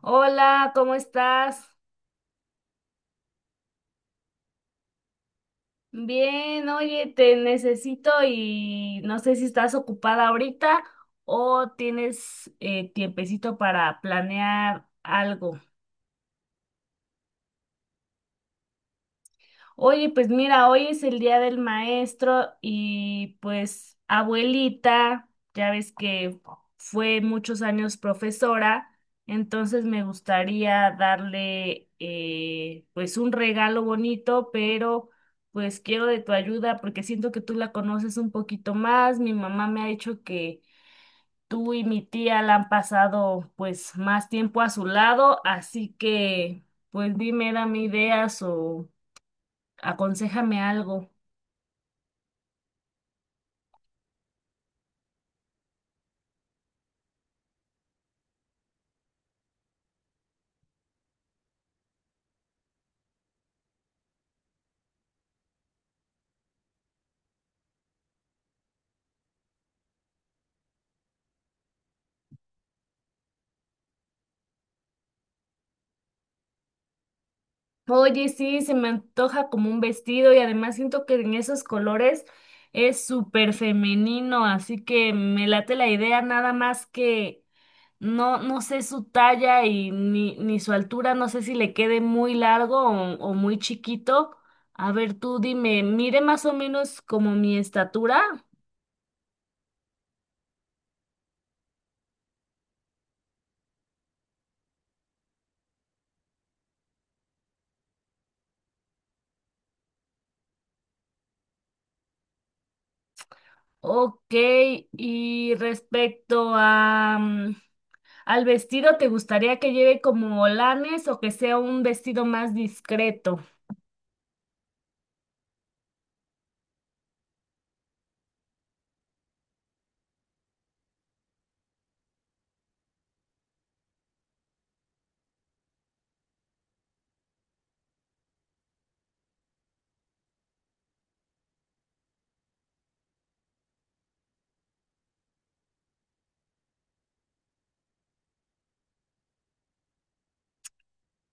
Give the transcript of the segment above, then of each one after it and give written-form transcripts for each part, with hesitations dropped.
Hola, ¿cómo estás? Bien, oye, te necesito y no sé si estás ocupada ahorita o tienes tiempecito para planear algo. Oye, pues mira, hoy es el día del maestro y pues abuelita, ya ves que fue muchos años profesora, entonces me gustaría darle pues un regalo bonito, pero pues quiero de tu ayuda porque siento que tú la conoces un poquito más. Mi mamá me ha dicho que tú y mi tía la han pasado pues más tiempo a su lado, así que pues dime, dame ideas o… Aconséjame algo. Oye, sí, se me antoja como un vestido y además siento que en esos colores es súper femenino, así que me late la idea nada más que no, no sé su talla y ni su altura, no sé si le quede muy largo o muy chiquito. A ver, tú dime, mire más o menos como mi estatura. Ok, y respecto a… mm, ¿al vestido te gustaría que lleve como lanes o que sea un vestido más discreto?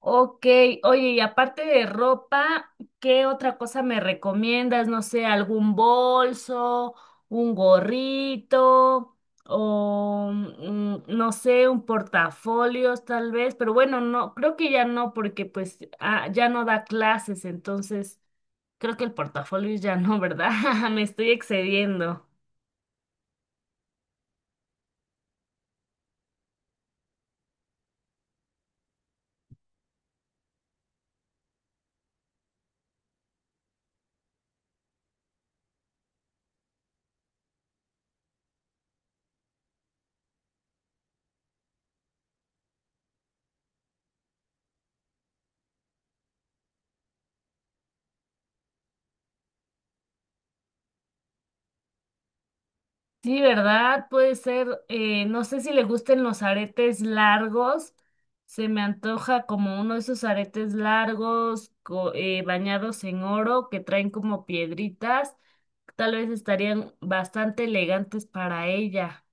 Ok, oye, y aparte de ropa, ¿qué otra cosa me recomiendas? No sé, algún bolso, un gorrito o no sé, un portafolios tal vez, pero bueno, no, creo que ya no porque pues ah, ya no da clases, entonces creo que el portafolio ya no, ¿verdad? Me estoy excediendo. Sí, ¿verdad? Puede ser, no sé si le gusten los aretes largos, se me antoja como uno de esos aretes largos bañados en oro que traen como piedritas, tal vez estarían bastante elegantes para ella.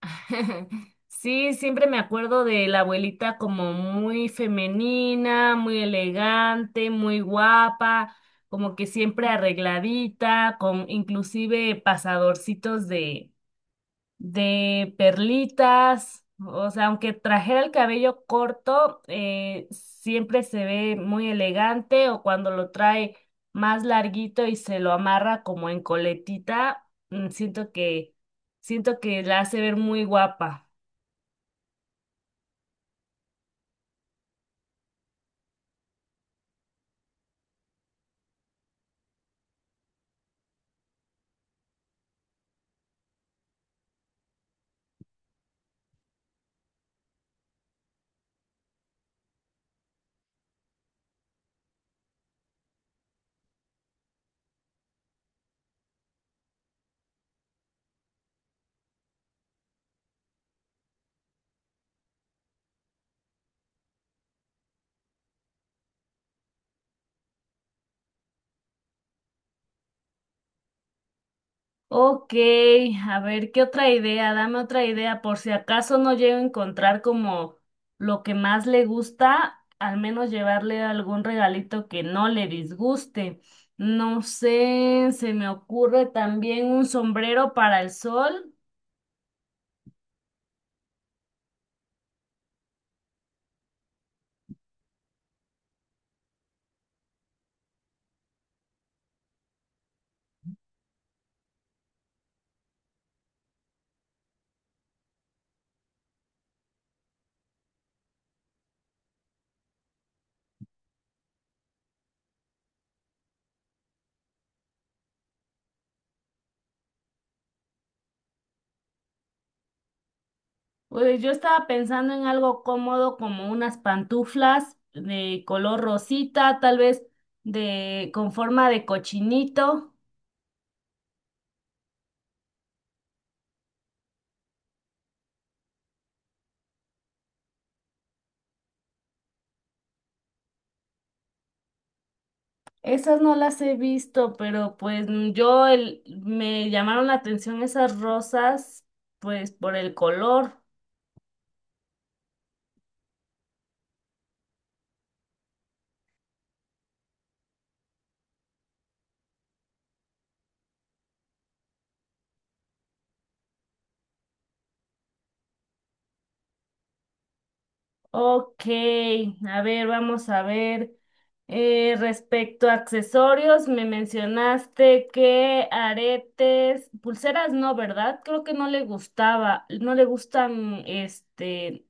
Sí, siempre me acuerdo de la abuelita como muy femenina, muy elegante, muy guapa, como que siempre arregladita, con inclusive pasadorcitos de perlitas, o sea, aunque trajera el cabello corto, siempre se ve muy elegante o cuando lo trae más larguito y se lo amarra como en coletita, mm, siento que la hace ver muy guapa. Ok, a ver, ¿qué otra idea? Dame otra idea por si acaso no llego a encontrar como lo que más le gusta, al menos llevarle algún regalito que no le disguste. No sé, se me ocurre también un sombrero para el sol. Pues yo estaba pensando en algo cómodo como unas pantuflas de color rosita, tal vez de con forma de cochinito. Esas no las he visto, pero pues mm, me llamaron la atención esas rosas, pues por el color. Ok, a ver, vamos a ver. Respecto a accesorios, me mencionaste que aretes, pulseras no, ¿verdad? Creo que no le gustaba, no le gustan, este,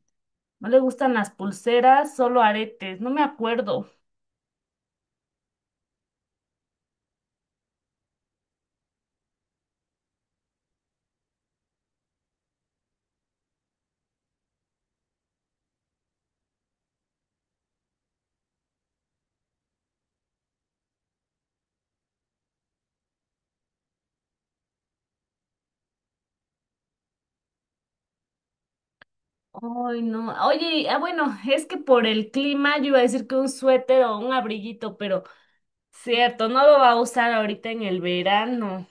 no le gustan las pulseras, solo aretes, no me acuerdo. Ay, no. Oye, ah, bueno, es que por el clima yo iba a decir que un suéter o un abriguito, pero cierto, no lo va a usar ahorita en el verano.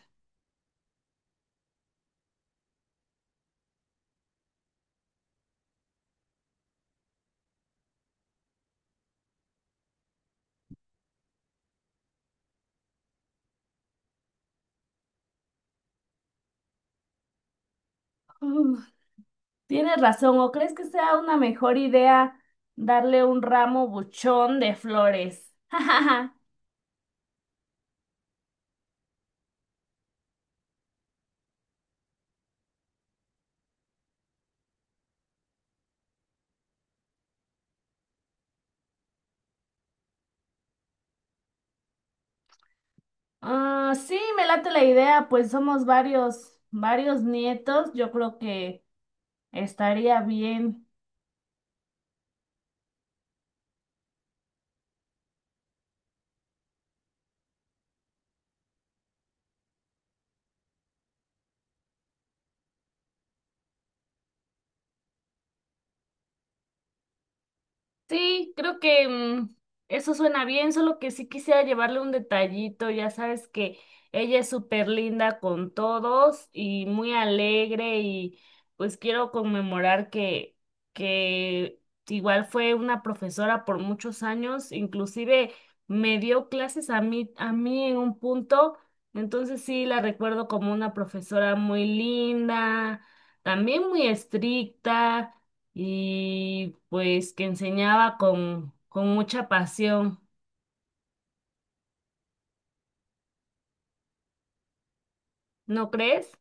Mm, tienes razón, ¿o crees que sea una mejor idea darle un ramo buchón de flores? Ah, sí, me late la idea, pues somos varios, varios nietos, yo creo que estaría bien. Sí, creo que mm, eso suena bien, solo que sí quisiera llevarle un detallito, ya sabes que ella es súper linda con todos y muy alegre y pues quiero conmemorar que igual fue una profesora por muchos años, inclusive me dio clases a mí en un punto, entonces sí la recuerdo como una profesora muy linda, también muy estricta y pues que enseñaba con mucha pasión, ¿no crees?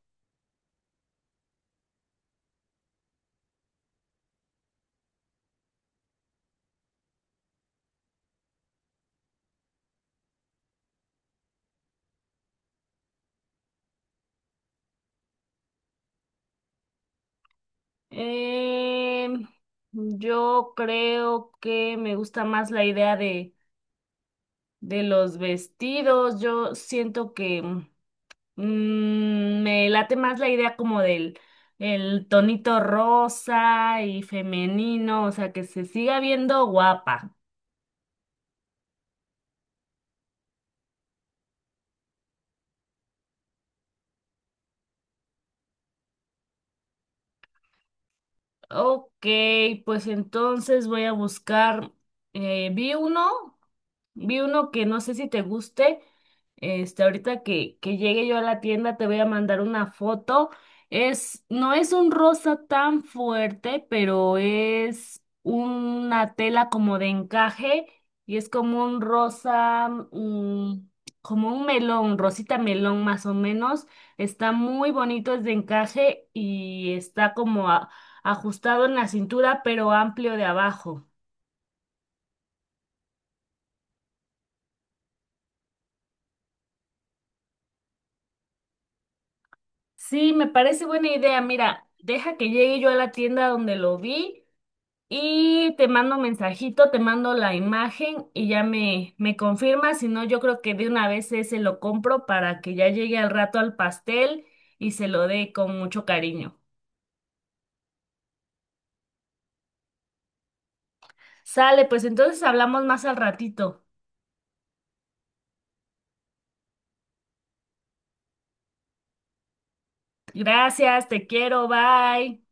Em, yo creo que me gusta más la idea de los vestidos. Yo siento que mm, me late más la idea como del el tonito rosa y femenino, o sea, que se siga viendo guapa. Ok, pues entonces voy a buscar, vi uno. Vi uno que no sé si te guste. Este, ahorita que llegue yo a la tienda te voy a mandar una foto. Es, no es un rosa tan fuerte, pero es una tela como de encaje y es como un rosa, mm, como un melón, rosita melón más o menos. Está muy bonito, es de encaje y está como ajustado en la cintura, pero amplio de abajo. Sí, me parece buena idea. Mira, deja que llegue yo a la tienda donde lo vi y te mando un mensajito, te mando la imagen y ya me confirmas. Si no, yo creo que de una vez ese lo compro para que ya llegue al rato al pastel y se lo dé con mucho cariño. Sale, pues entonces hablamos más al ratito. Gracias, te quiero, bye.